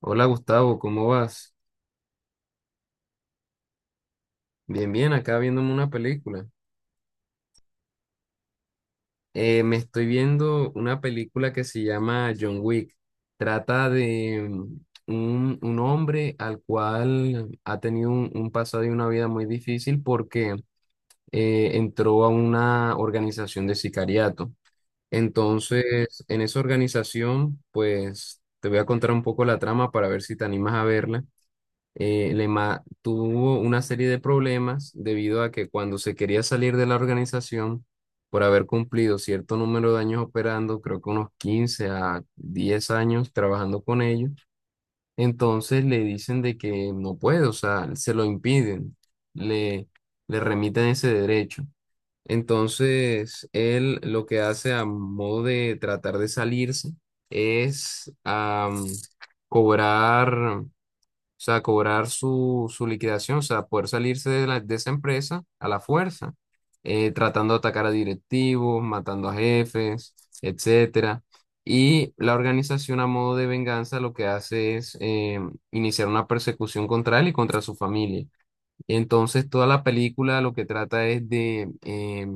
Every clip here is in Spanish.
Hola Gustavo, ¿cómo vas? Bien, bien, acá viéndome una película. Me estoy viendo una película que se llama John Wick. Trata de un hombre al cual ha tenido un pasado y una vida muy difícil porque entró a una organización de sicariato. Entonces, en esa organización, pues te voy a contar un poco la trama para ver si te animas a verla. Lema tuvo una serie de problemas debido a que cuando se quería salir de la organización, por haber cumplido cierto número de años operando, creo que unos 15 a 10 años trabajando con ellos, entonces le dicen de que no puede, o sea, se lo impiden, le, le remiten ese derecho. Entonces, él lo que hace a modo de tratar de salirse es cobrar, o sea, cobrar su liquidación, o sea, poder salirse de, de esa empresa a la fuerza, tratando de atacar a directivos, matando a jefes, etcétera. Y la organización a modo de venganza lo que hace es iniciar una persecución contra él y contra su familia. Entonces, toda la película lo que trata es de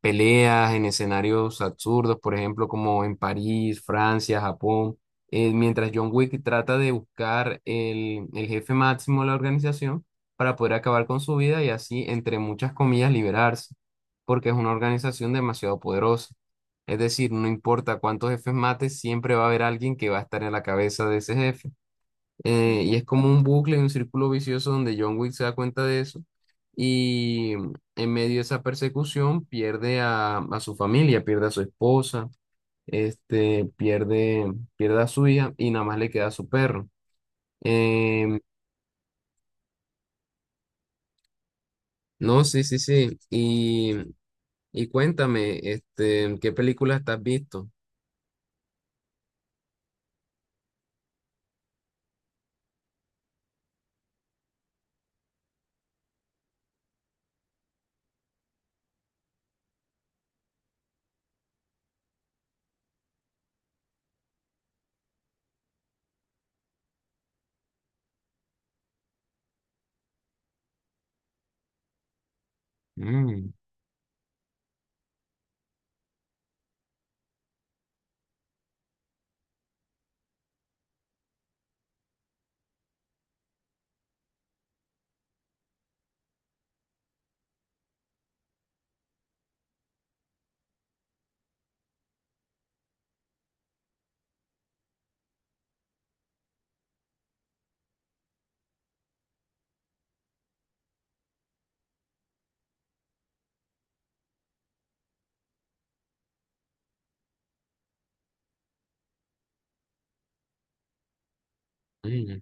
peleas en escenarios absurdos, por ejemplo, como en París, Francia, Japón, mientras John Wick trata de buscar el jefe máximo de la organización para poder acabar con su vida y así, entre muchas comillas, liberarse, porque es una organización demasiado poderosa. Es decir, no importa cuántos jefes mates, siempre va a haber alguien que va a estar en la cabeza de ese jefe, y es como un bucle, un círculo vicioso donde John Wick se da cuenta de eso y en medio de esa persecución pierde a su familia, pierde a su esposa, este, pierde a su hija y nada más le queda a su perro. Em, no, sí, sí, sí. Y cuéntame, este, ¿qué películas te has visto? Mm, mm,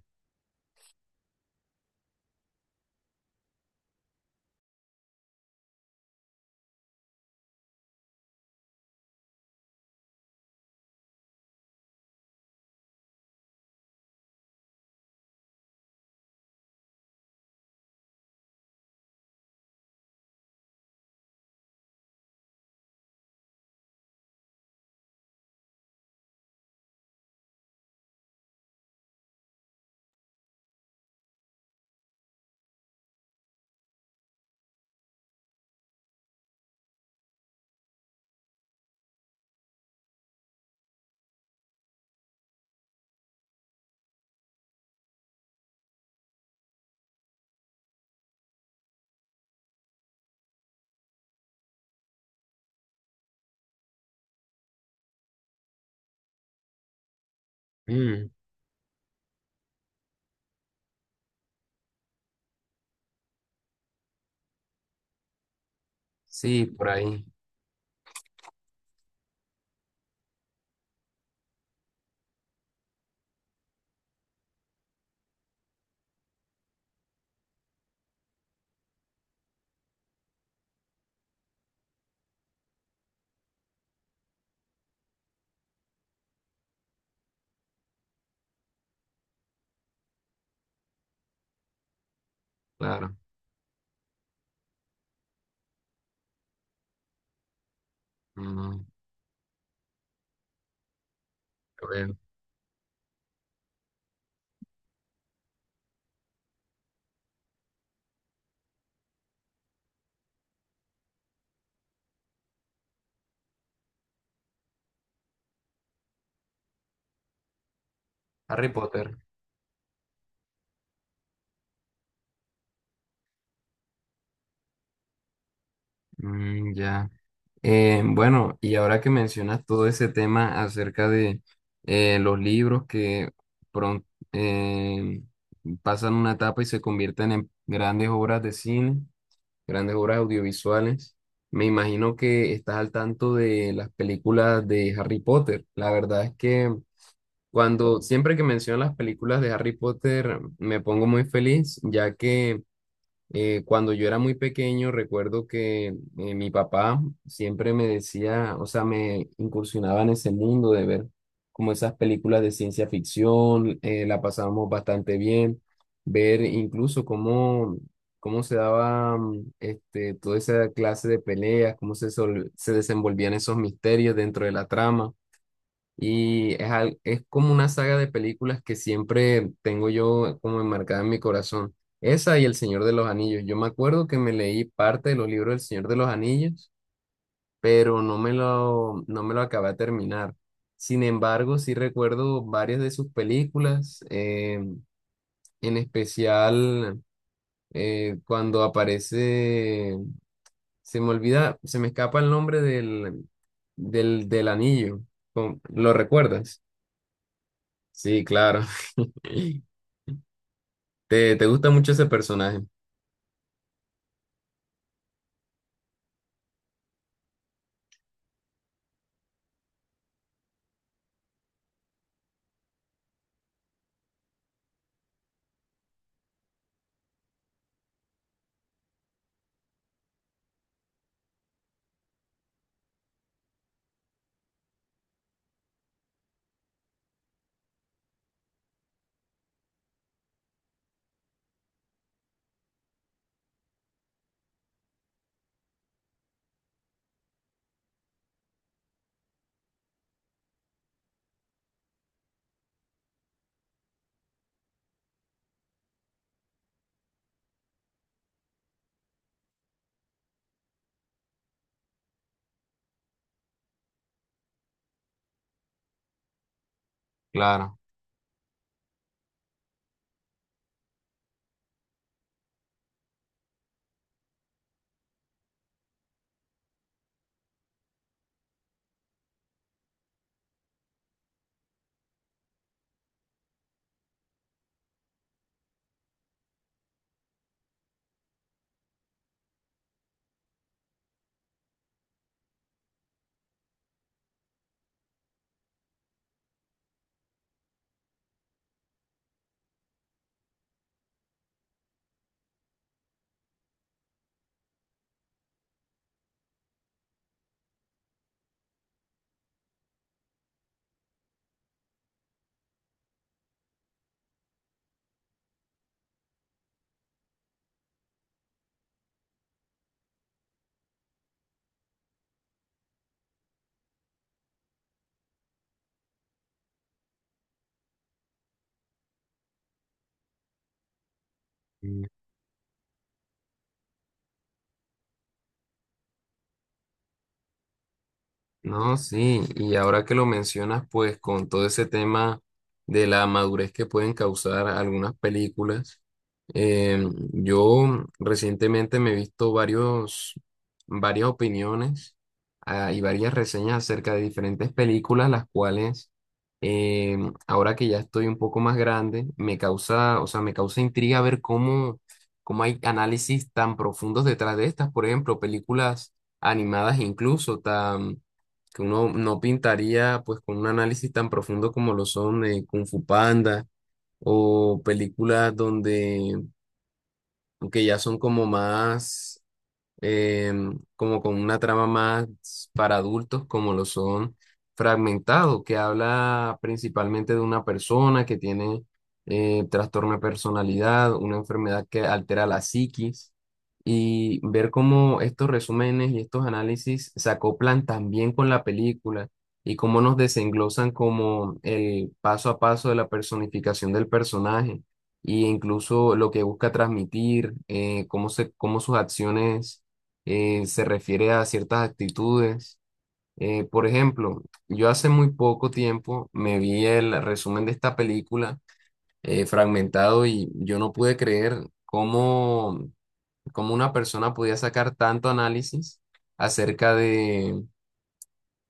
mm. Sí, por ahí, claro. Mm, a ver, Harry Potter. Mm, ya. Bueno, y ahora que mencionas todo ese tema acerca de los libros que pron- eh, pasan una etapa y se convierten en grandes obras de cine, grandes obras audiovisuales, me imagino que estás al tanto de las películas de Harry Potter. La verdad es que cuando siempre que menciono las películas de Harry Potter me pongo muy feliz, ya que cuando yo era muy pequeño, recuerdo que mi papá siempre me decía, o sea, me incursionaba en ese mundo de ver como esas películas de ciencia ficción, la pasábamos bastante bien, ver incluso cómo se daba este, toda esa clase de peleas, cómo se desenvolvían esos misterios dentro de la trama. Y es, es como una saga de películas que siempre tengo yo como enmarcada en mi corazón. Esa y El Señor de los Anillos. Yo me acuerdo que me leí parte de los libros del Señor de los Anillos, pero no me lo acabé de terminar. Sin embargo, sí recuerdo varias de sus películas, en especial cuando aparece, se me olvida, se me escapa el nombre del anillo. ¿Lo recuerdas? Sí, claro. ¿Te gusta mucho ese personaje? Claro. No, sí, y ahora que lo mencionas, pues con todo ese tema de la madurez que pueden causar algunas películas, eh, yo recientemente me he visto varias opiniones, ah, y varias reseñas acerca de diferentes películas, las cuales eh, ahora que ya estoy un poco más grande, me causa, o sea, me causa intriga ver cómo hay análisis tan profundos detrás de estas, por ejemplo, películas animadas incluso, tan que uno no pintaría pues con un análisis tan profundo como lo son Kung Fu Panda o películas donde que ya son como más como con una trama más para adultos, como lo son Fragmentado, que habla principalmente de una persona que tiene trastorno de personalidad, una enfermedad que altera la psiquis, y ver cómo estos resúmenes y estos análisis se acoplan también con la película. Y cómo nos desenglosan como el paso a paso de la personificación del personaje e incluso lo que busca transmitir, cómo sus acciones se refiere a ciertas actitudes. Por ejemplo, yo hace muy poco tiempo me vi el resumen de esta película fragmentado y yo no pude creer cómo una persona podía sacar tanto análisis acerca de,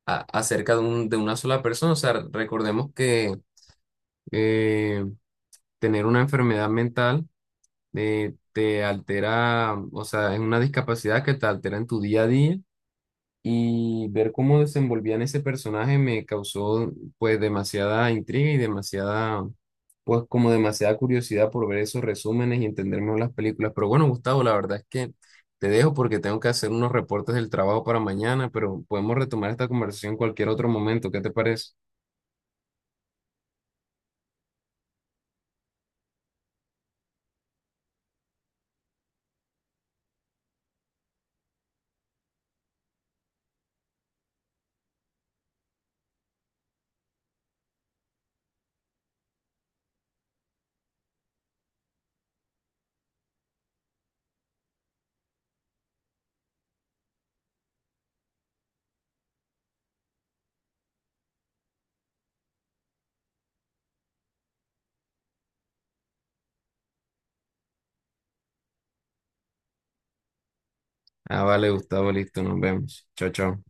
acerca de una sola persona. O sea, recordemos que eh, tener una enfermedad mental te altera, o sea, es una discapacidad que te altera en tu día a día y ver cómo desenvolvían ese personaje me causó pues demasiada intriga y demasiada, pues como demasiada curiosidad por ver esos resúmenes y entender mejor las películas. Pero bueno, Gustavo, la verdad es que te dejo porque tengo que hacer unos reportes del trabajo para mañana, pero podemos retomar esta conversación en cualquier otro momento. ¿Qué te parece? Ah, vale, Gustavo, listo, nos vemos. Chao, chao.